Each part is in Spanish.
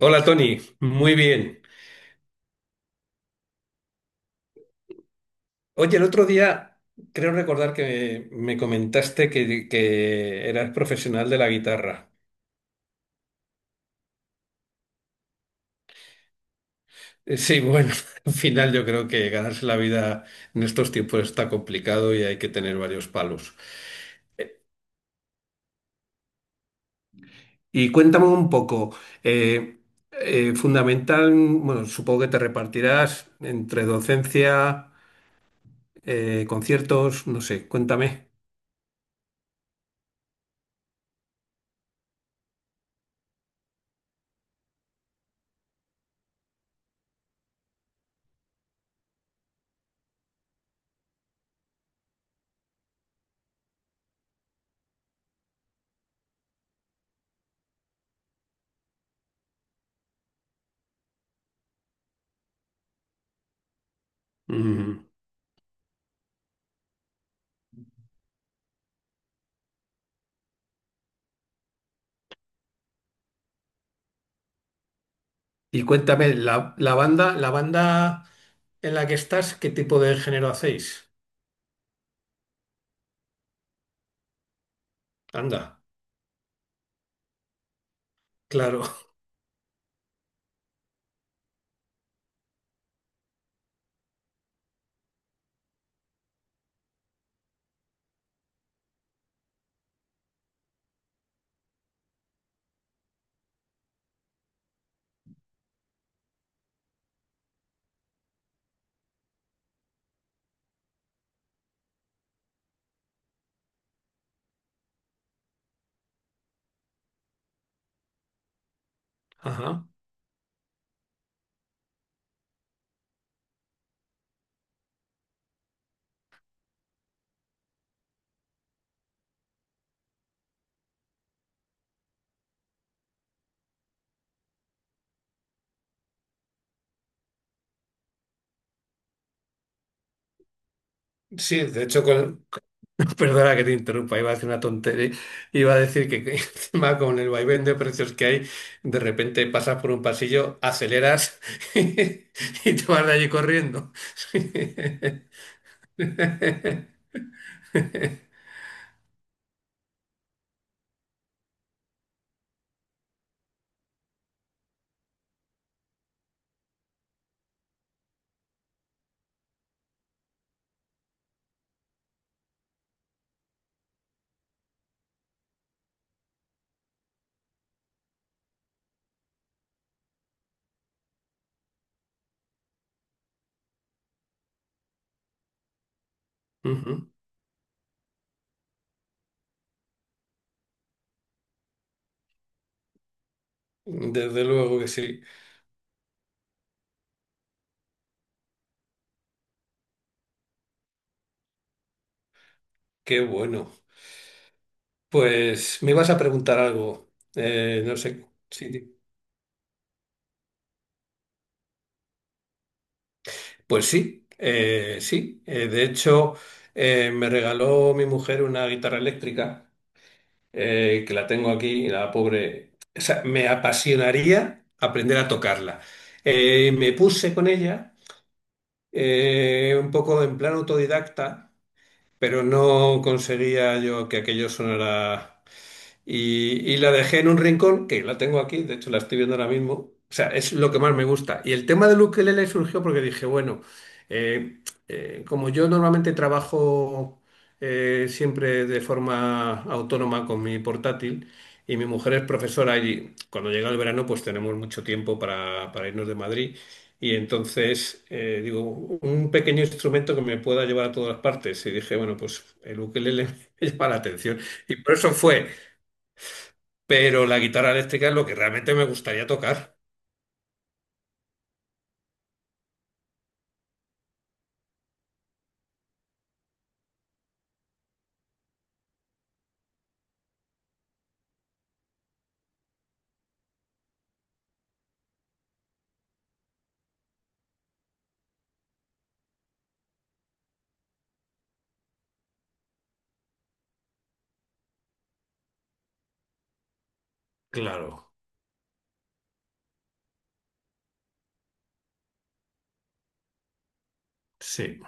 Hola Tony, muy bien. Oye, el otro día creo recordar que me comentaste que eras profesional de la guitarra. Sí, bueno, al final yo creo que ganarse la vida en estos tiempos está complicado y hay que tener varios palos. Y cuéntame un poco, eh, fundamental, bueno, supongo que te repartirás entre docencia, conciertos, no sé, cuéntame. Mm. Y cuéntame, la banda en la que estás, ¿qué tipo de género hacéis? Anda, claro. Ajá. Sí, de hecho, con… perdona que te interrumpa, iba a decir una tontería. Iba a decir que encima con el vaivén de precios que hay, de repente pasas por un pasillo, aceleras y te vas de allí corriendo. Ujú. Desde luego que sí. Qué bueno. Pues me ibas a preguntar algo. No sé. Sí. Pues sí, sí. De hecho, me regaló mi mujer una guitarra eléctrica, que la tengo aquí, y la pobre. O sea, me apasionaría aprender a tocarla. Me puse con ella, un poco en plan autodidacta, pero no conseguía yo que aquello sonara. Y la dejé en un rincón, que la tengo aquí, de hecho la estoy viendo ahora mismo. O sea, es lo que más me gusta. Y el tema del ukelele surgió porque dije, bueno, eh, como yo normalmente trabajo siempre de forma autónoma con mi portátil, y mi mujer es profesora y cuando llega el verano pues tenemos mucho tiempo para irnos de Madrid. Y entonces, digo, un pequeño instrumento que me pueda llevar a todas las partes. Y dije, bueno, pues el ukelele me llama la atención. Y por eso fue, pero la guitarra eléctrica es lo que realmente me gustaría tocar. Claro, sí.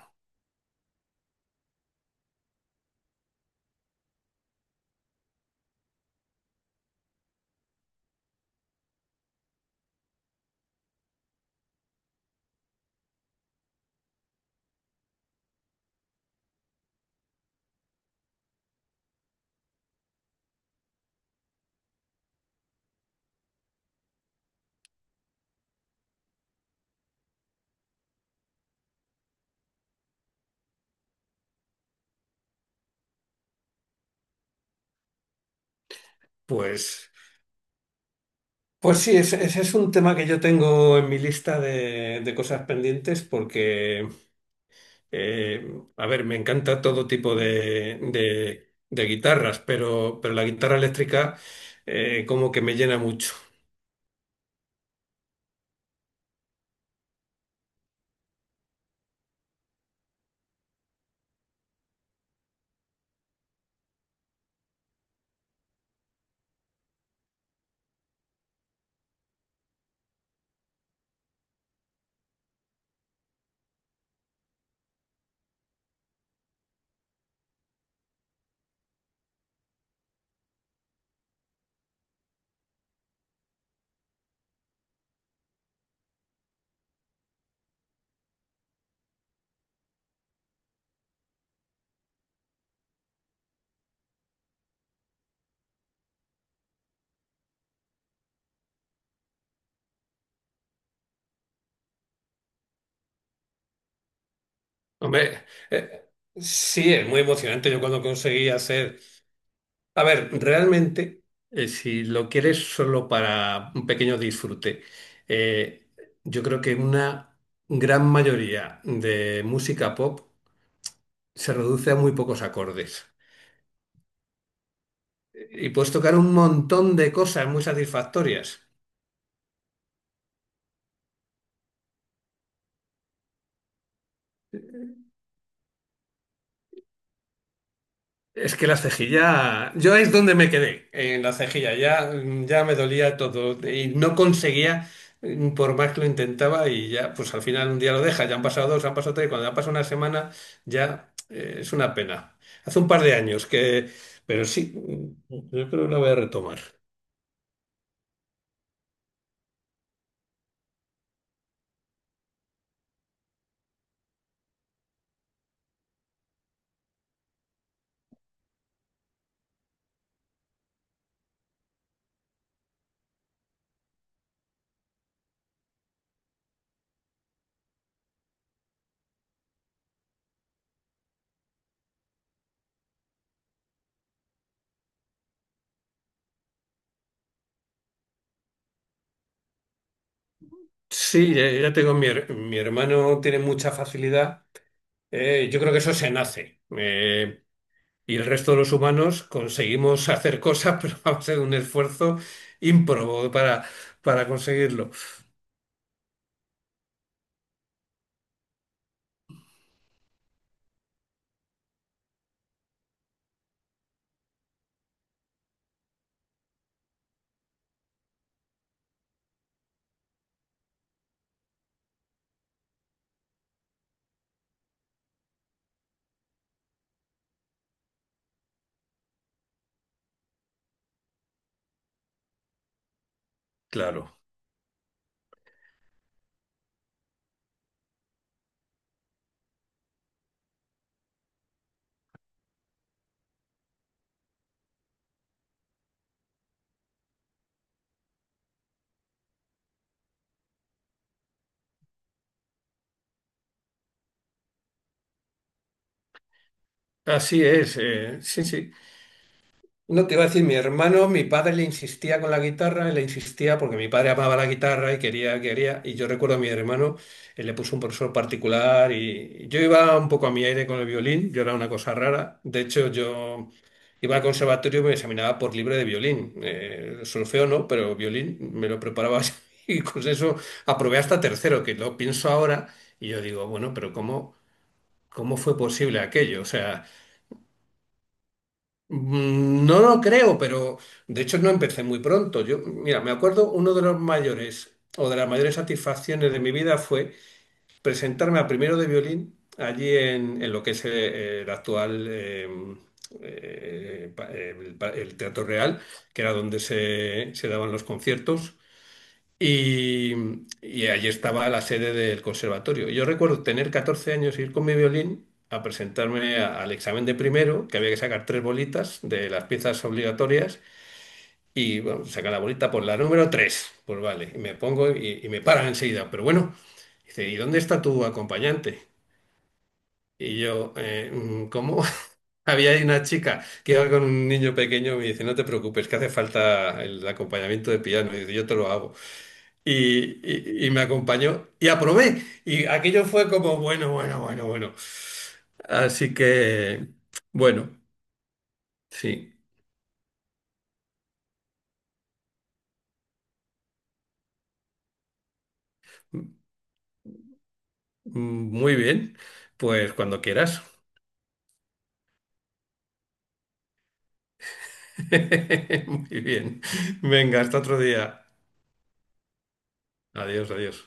Pues, pues sí, ese es un tema que yo tengo en mi lista de cosas pendientes porque, a ver, me encanta todo tipo de guitarras, pero la guitarra eléctrica como que me llena mucho. Hombre, eh, sí, es muy emocionante. Yo cuando conseguí hacer… A ver, realmente, si lo quieres solo para un pequeño disfrute, eh, yo creo que una gran mayoría de música pop se reduce a muy pocos acordes. Y puedes tocar un montón de cosas muy satisfactorias. Es que la cejilla, yo es donde me quedé, en la cejilla, ya, ya me dolía todo y no conseguía, por más que lo intentaba, y ya, pues al final un día lo deja, ya han pasado dos, han pasado tres, cuando ya pasa una semana, ya es una pena. Hace un par de años que, pero sí, yo creo que la voy a retomar. Sí, ya, ya tengo mi, her- mi hermano tiene mucha facilidad, yo creo que eso se nace. Y el resto de los humanos conseguimos hacer cosas, pero va a ser un esfuerzo ímprobo para conseguirlo. Claro. Así es. Sí, sí. No te iba a decir, mi hermano, mi padre le insistía con la guitarra, le insistía porque mi padre amaba la guitarra y quería, quería. Y yo recuerdo a mi hermano, él le puso un profesor particular, y yo iba un poco a mi aire con el violín, yo era una cosa rara. De hecho, yo iba al conservatorio y me examinaba por libre de violín. Solfeo no, pero violín me lo preparaba así. Y con eso aprobé hasta tercero, que lo pienso ahora y yo digo, bueno, pero ¿cómo, cómo fue posible aquello? O sea. Mm, no lo creo, pero de hecho no empecé muy pronto. Yo, mira, me acuerdo, uno de los mayores o de las mayores satisfacciones de mi vida fue presentarme a primero de violín allí en lo que es el actual el Teatro Real, que era donde se daban los conciertos. Y, y allí estaba la sede del conservatorio. Yo recuerdo tener 14 años y ir con mi violín a presentarme a- al examen de primero, que había que sacar tres bolitas de las piezas obligatorias. Y bueno, saca la bolita por la número tres. Pues vale, y me pongo y me paran enseguida. Pero bueno, dice, ¿y dónde está tu acompañante? Y yo, ¿cómo? Había ahí una chica que iba con un niño pequeño, y me dice, no te preocupes, que hace falta el acompañamiento de piano. Y dice, yo te lo hago, y me acompañó y aprobé. Y aquello fue como, bueno, bueno, bueno, bueno. Así que, bueno, sí, m- muy bien. Pues cuando quieras. Muy bien. Venga, hasta otro día. Adiós, adiós.